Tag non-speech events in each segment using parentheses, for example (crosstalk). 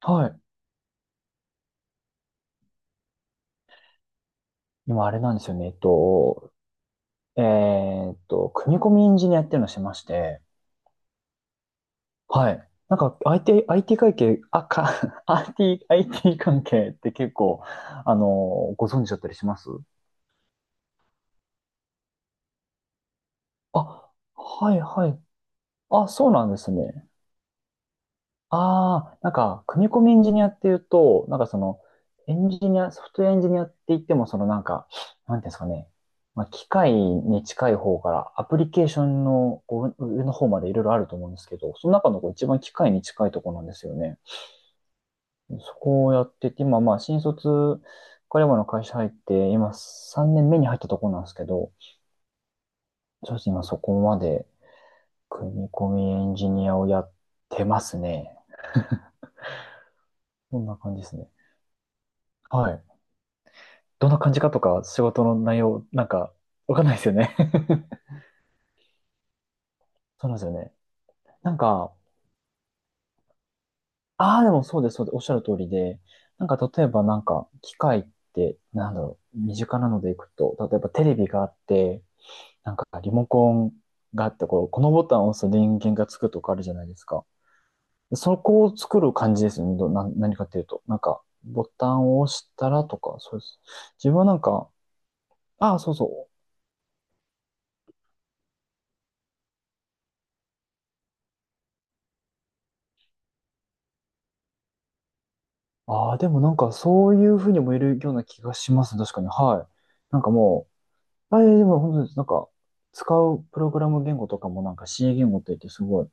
はい。今あれなんですよね。組み込みエンジニアっていうのをしてまして、はい。なんか IT 関係、(laughs) IT 関係って結構、あの、ご存知だったりします？あ、はいはい。あ、そうなんですね。ああ、なんか、組み込みエンジニアっていうと、なんかその、エンジニア、ソフトウェアエンジニアって言っても、そのなんか、なんていうんですかね、まあ、機械に近い方から、アプリケーションのこう上の方までいろいろあると思うんですけど、その中のこう一番機械に近いところなんですよね。そこをやってて、今まあ、新卒、彼もの会社入って、今3年目に入ったところなんですけど、そうですね、今そこまで組み込みエンジニアをやってますね。こんな感じですね。はい。どんな感じかとか、仕事の内容、なんか、わかんないですよね。 (laughs) そうなんですよね。なんか、ああ、でもそうです、そうです、おっしゃる通りで、なんか例えばなんか、機械って、なんだろう、身近なのでいくと、例えばテレビがあって、なんかリモコンがあって、こう、このボタンを押すと電源がつくとかあるじゃないですか。でそこを作る感じですよね。何かっていうと。なんか、ボタンを押したらとか、そうです。自分はなんか、ああ、そうそう。ああ、でもなんかそういうふうにもいるような気がしますね。確かに。はい。なんかもう、あれでも本当になんか使うプログラム言語とかもなんか C 言語って言ってすごい、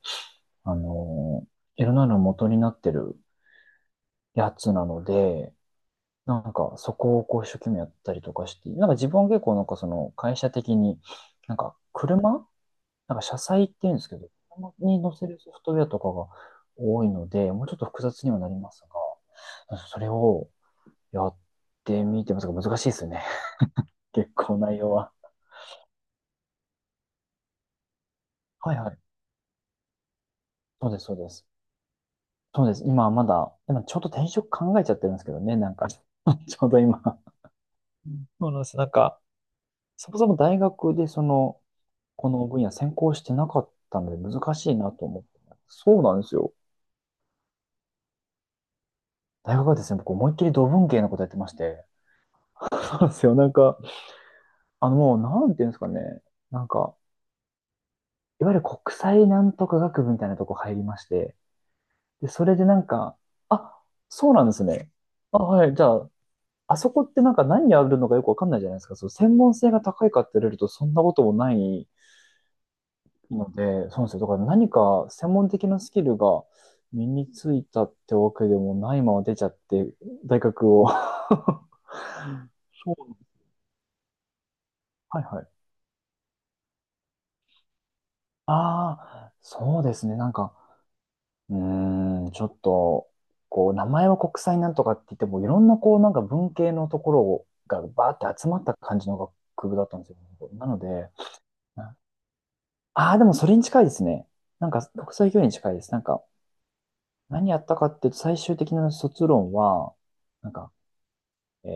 あのーいろんなの元になってるやつなので、なんかそこをこう一生懸命やったりとかして、なんか自分は結構なんかその会社的に、なんか車なんか車載って言うんですけど、車に載せるソフトウェアとかが多いので、もうちょっと複雑にはなりますが、それを、やってみてますが難しいですね。(laughs) 結構内容は。はいはい。そうです、そうです。そうです。今はまだ、今ちょっと転職考えちゃってるんですけどね、なんか (laughs) ちょうど今。そうなんです。なんか、そもそも大学でその、この分野専攻してなかったので難しいなと思って。そうなんですよ。大学はですね、僕思いっきり土文系のことやってまして。そうなんですよ。なんか、あのもう、なんていうんですかね。なんか、いわゆる国際なんとか学部みたいなとこ入りまして、で、それでなんか、あ、そうなんですね。あ、はい。じゃあ、あそこってなんか何やるのかよくわかんないじゃないですか。そう、専門性が高いかって言われるとそんなこともないので、そうなんですよ。だから何か専門的なスキルが身についたってわけでもないまま出ちゃって、大学を。(laughs) そう。(laughs) はいはい。ああ、そうですね。なんか、うーん、ちょっと、こう、名前は国際なんとかって言っても、いろんな、こう、なんか文系のところがバーって集まった感じの学部だったんですよ。なので、ああー、でもそれに近いですね。なんか、国際教育に近いです。なんか、何やったかっていうと、最終的な卒論は、なんか、えー、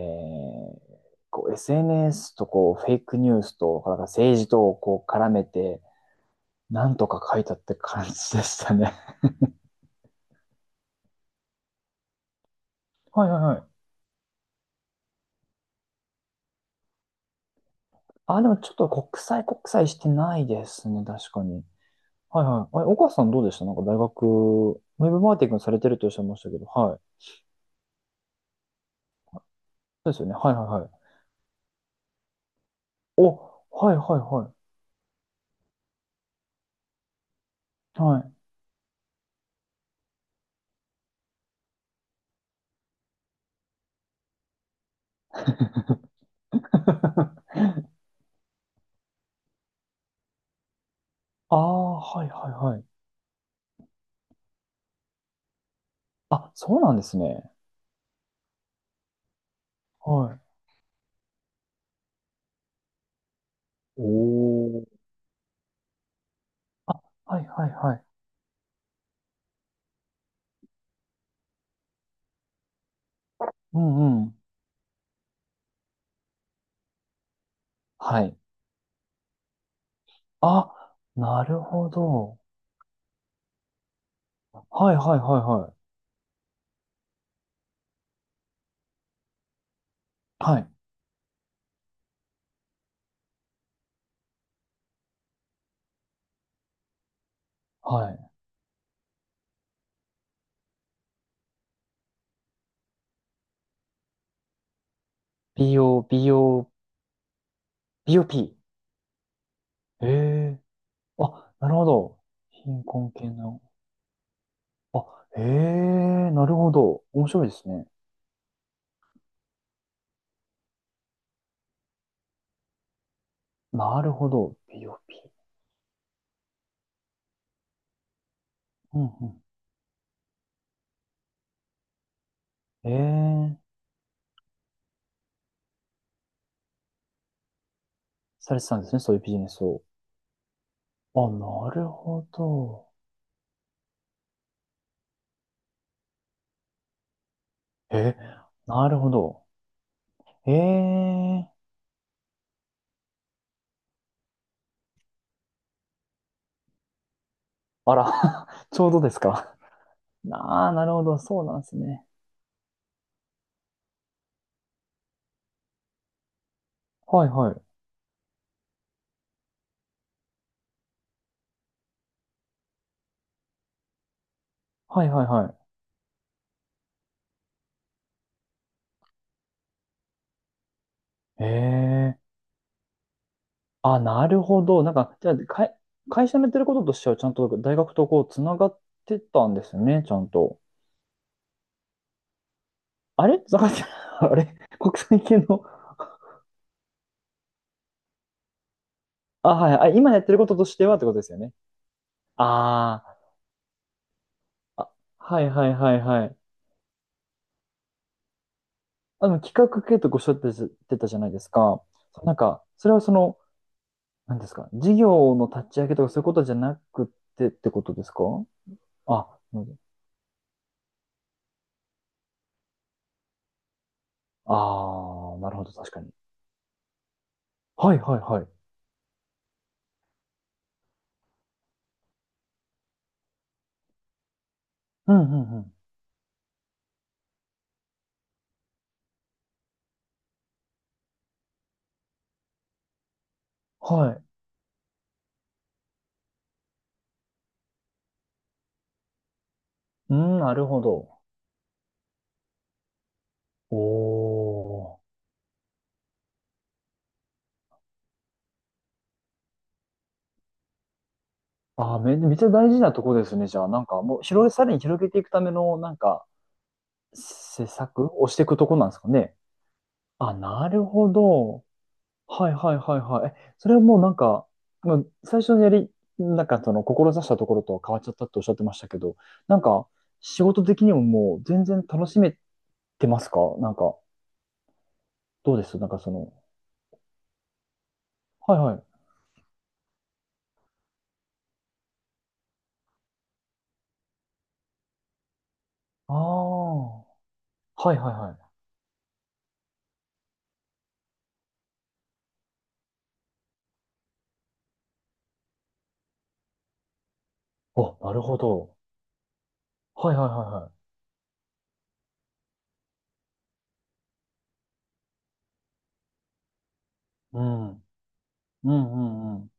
こう SNS とこう、フェイクニュースと、なんか政治とこう、絡めて、なんとか書いたって感じでしたね。(laughs) はいはいはい。あ、でもちょっと国際国際してないですね、確かに。はいはい。あれ、岡さんどうでした？なんか大学、ウェブマーケティングされてるとおっしゃいましたけど、はい。そうですよね。はいはいはい。お、はいはいはい。はい。(laughs) ああ、はいはいはい。あ、そうなんですね。はい。おー。あ、はいはいはい。うんうん。はい。あ、なるほど。はいはいはいはい。はい。はい。BO、BO、BOP。ええあ、なるほど。貧困系の。あ、へえ、なるほど。面白いですね。なるほど。BOP。うんうん。ええ、されてたんですね。そういうビジネスを。あ、なるほど。え、なるほど。ええ、あら、(laughs) ちょうどですか。ああ、なるほど。そうなんですね。はいはい。はいはいはい。ええ、あ、なるほど。なんか、じゃあ、会社のやってることとしては、ちゃんと大学とこう、つながってたんですね。ちゃんと。あれ坂井さん、(laughs) あれ国際系の、あ、はい、あ、今やってることとしてはってことですよね。あーあ、はいはいはいはい。企画系とごおっしゃっててたじゃないですか。なんか、それはその、なんですか、事業の立ち上げとかそういうことじゃなくてってことですか？あ、うああー、なるほど、確かに。はいはいはい。うんうんうん。はい。うん、なるほど。おー。めっちゃ大事なとこですね。じゃあ、なんかもうさらに広げていくための、なんか、施策をしていくとこなんですかね。あ、なるほど。はいはいはいはい。え、それはもうなんか、まあ、最初のなんかその、志したところとは変わっちゃったっておっしゃってましたけど、なんか、仕事的にももう全然楽しめてますか？なんか、どうですなんかその、はいはい。ああ、はいはいはい。お、なるほど。はいはいはいはい。うん。うんうんうん。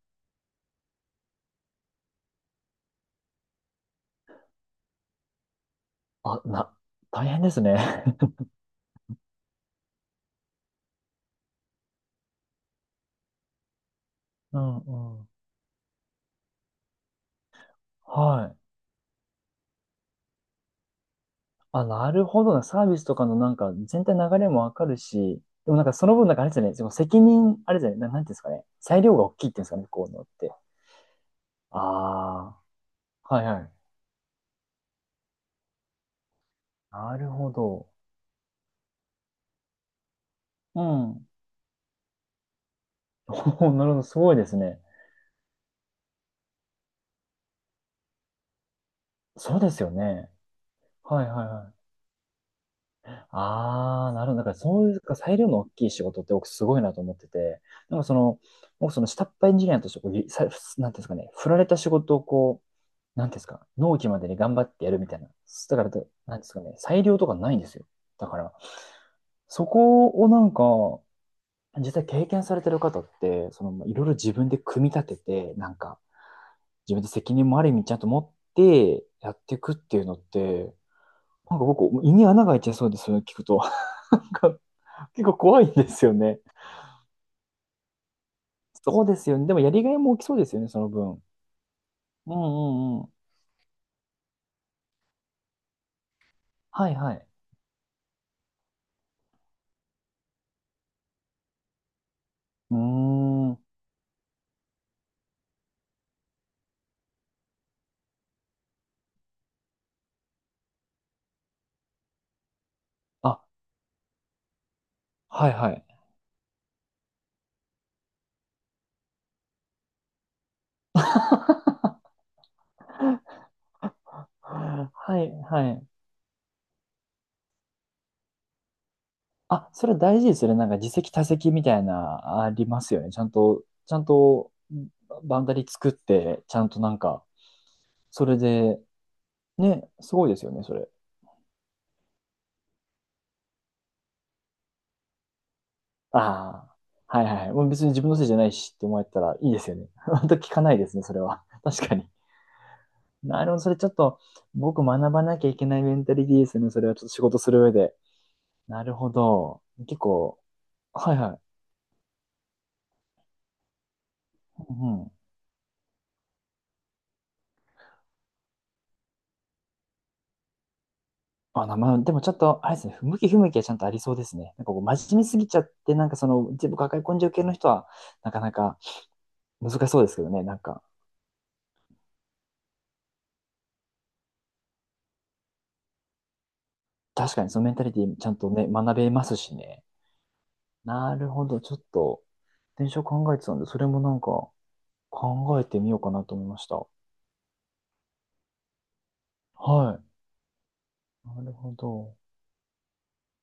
あ、な、大変ですね。(laughs) うんうん。はい。あ、なるほどな。サービスとかのなんか全体流れもわかるし、でもなんかその分なんかあれですよね。その責任、あれですよね。なんていうんですかね。裁量が大きいっていうんですかね、こういうのって。ああ、はいはい。なるほど。うん。(laughs) なるほど。すごいですね。そうですよね。はいはいはい。ああ、なるほど。だからそういうか裁量の大きい仕事って僕すごいなと思ってて、なんかその、僕その下っ端エンジニアとしてこう、なんていうんですかね、振られた仕事をこう、なんていうんですか、納期までに頑張ってやるみたいな。だからと、なんですかね、裁量とかないんですよ。だから、そこをなんか、実際経験されてる方って、その、いろいろ自分で組み立てて、なんか、自分で責任もある意味ちゃんと持ってやっていくっていうのって、なんか僕、胃に穴が開いちゃいそうです、それ聞くと。(laughs) なんか、結構怖いんですよね。そうですよね。でもやりがいも大きそうですよね、その分。うんうんうん。はいはい。うーん。あ、はいはい。(laughs) はいはい。あ、それ大事ですよね。なんか自責他責みたいな、ありますよね。ちゃんと、ちゃんと、バンダリ作って、ちゃんとなんか、それで、ね、すごいですよね、それ。ああ、はいはい。もう別に自分のせいじゃないしって思えたらいいですよね。(laughs) 本当聞かないですね、それは。(laughs) 確かに。なるほど、それちょっと、僕学ばなきゃいけないメンタリティですね、それはちょっと仕事する上で。なるほど。結構、はいはい。うんうんまあ、でもちょっと、あれですね、不向き不向きはちゃんとありそうですね。なんかこう、真面目すぎちゃって、なんかその、全部抱え込んじゃう系の人は、なかなか難しそうですけどね、なんか、確かにそのメンタリティちゃんとね、学べますしね。なるほど、ちょっと、電車考えてたんで、それもなんか、考えてみようかなと思いました。はい。なるほど。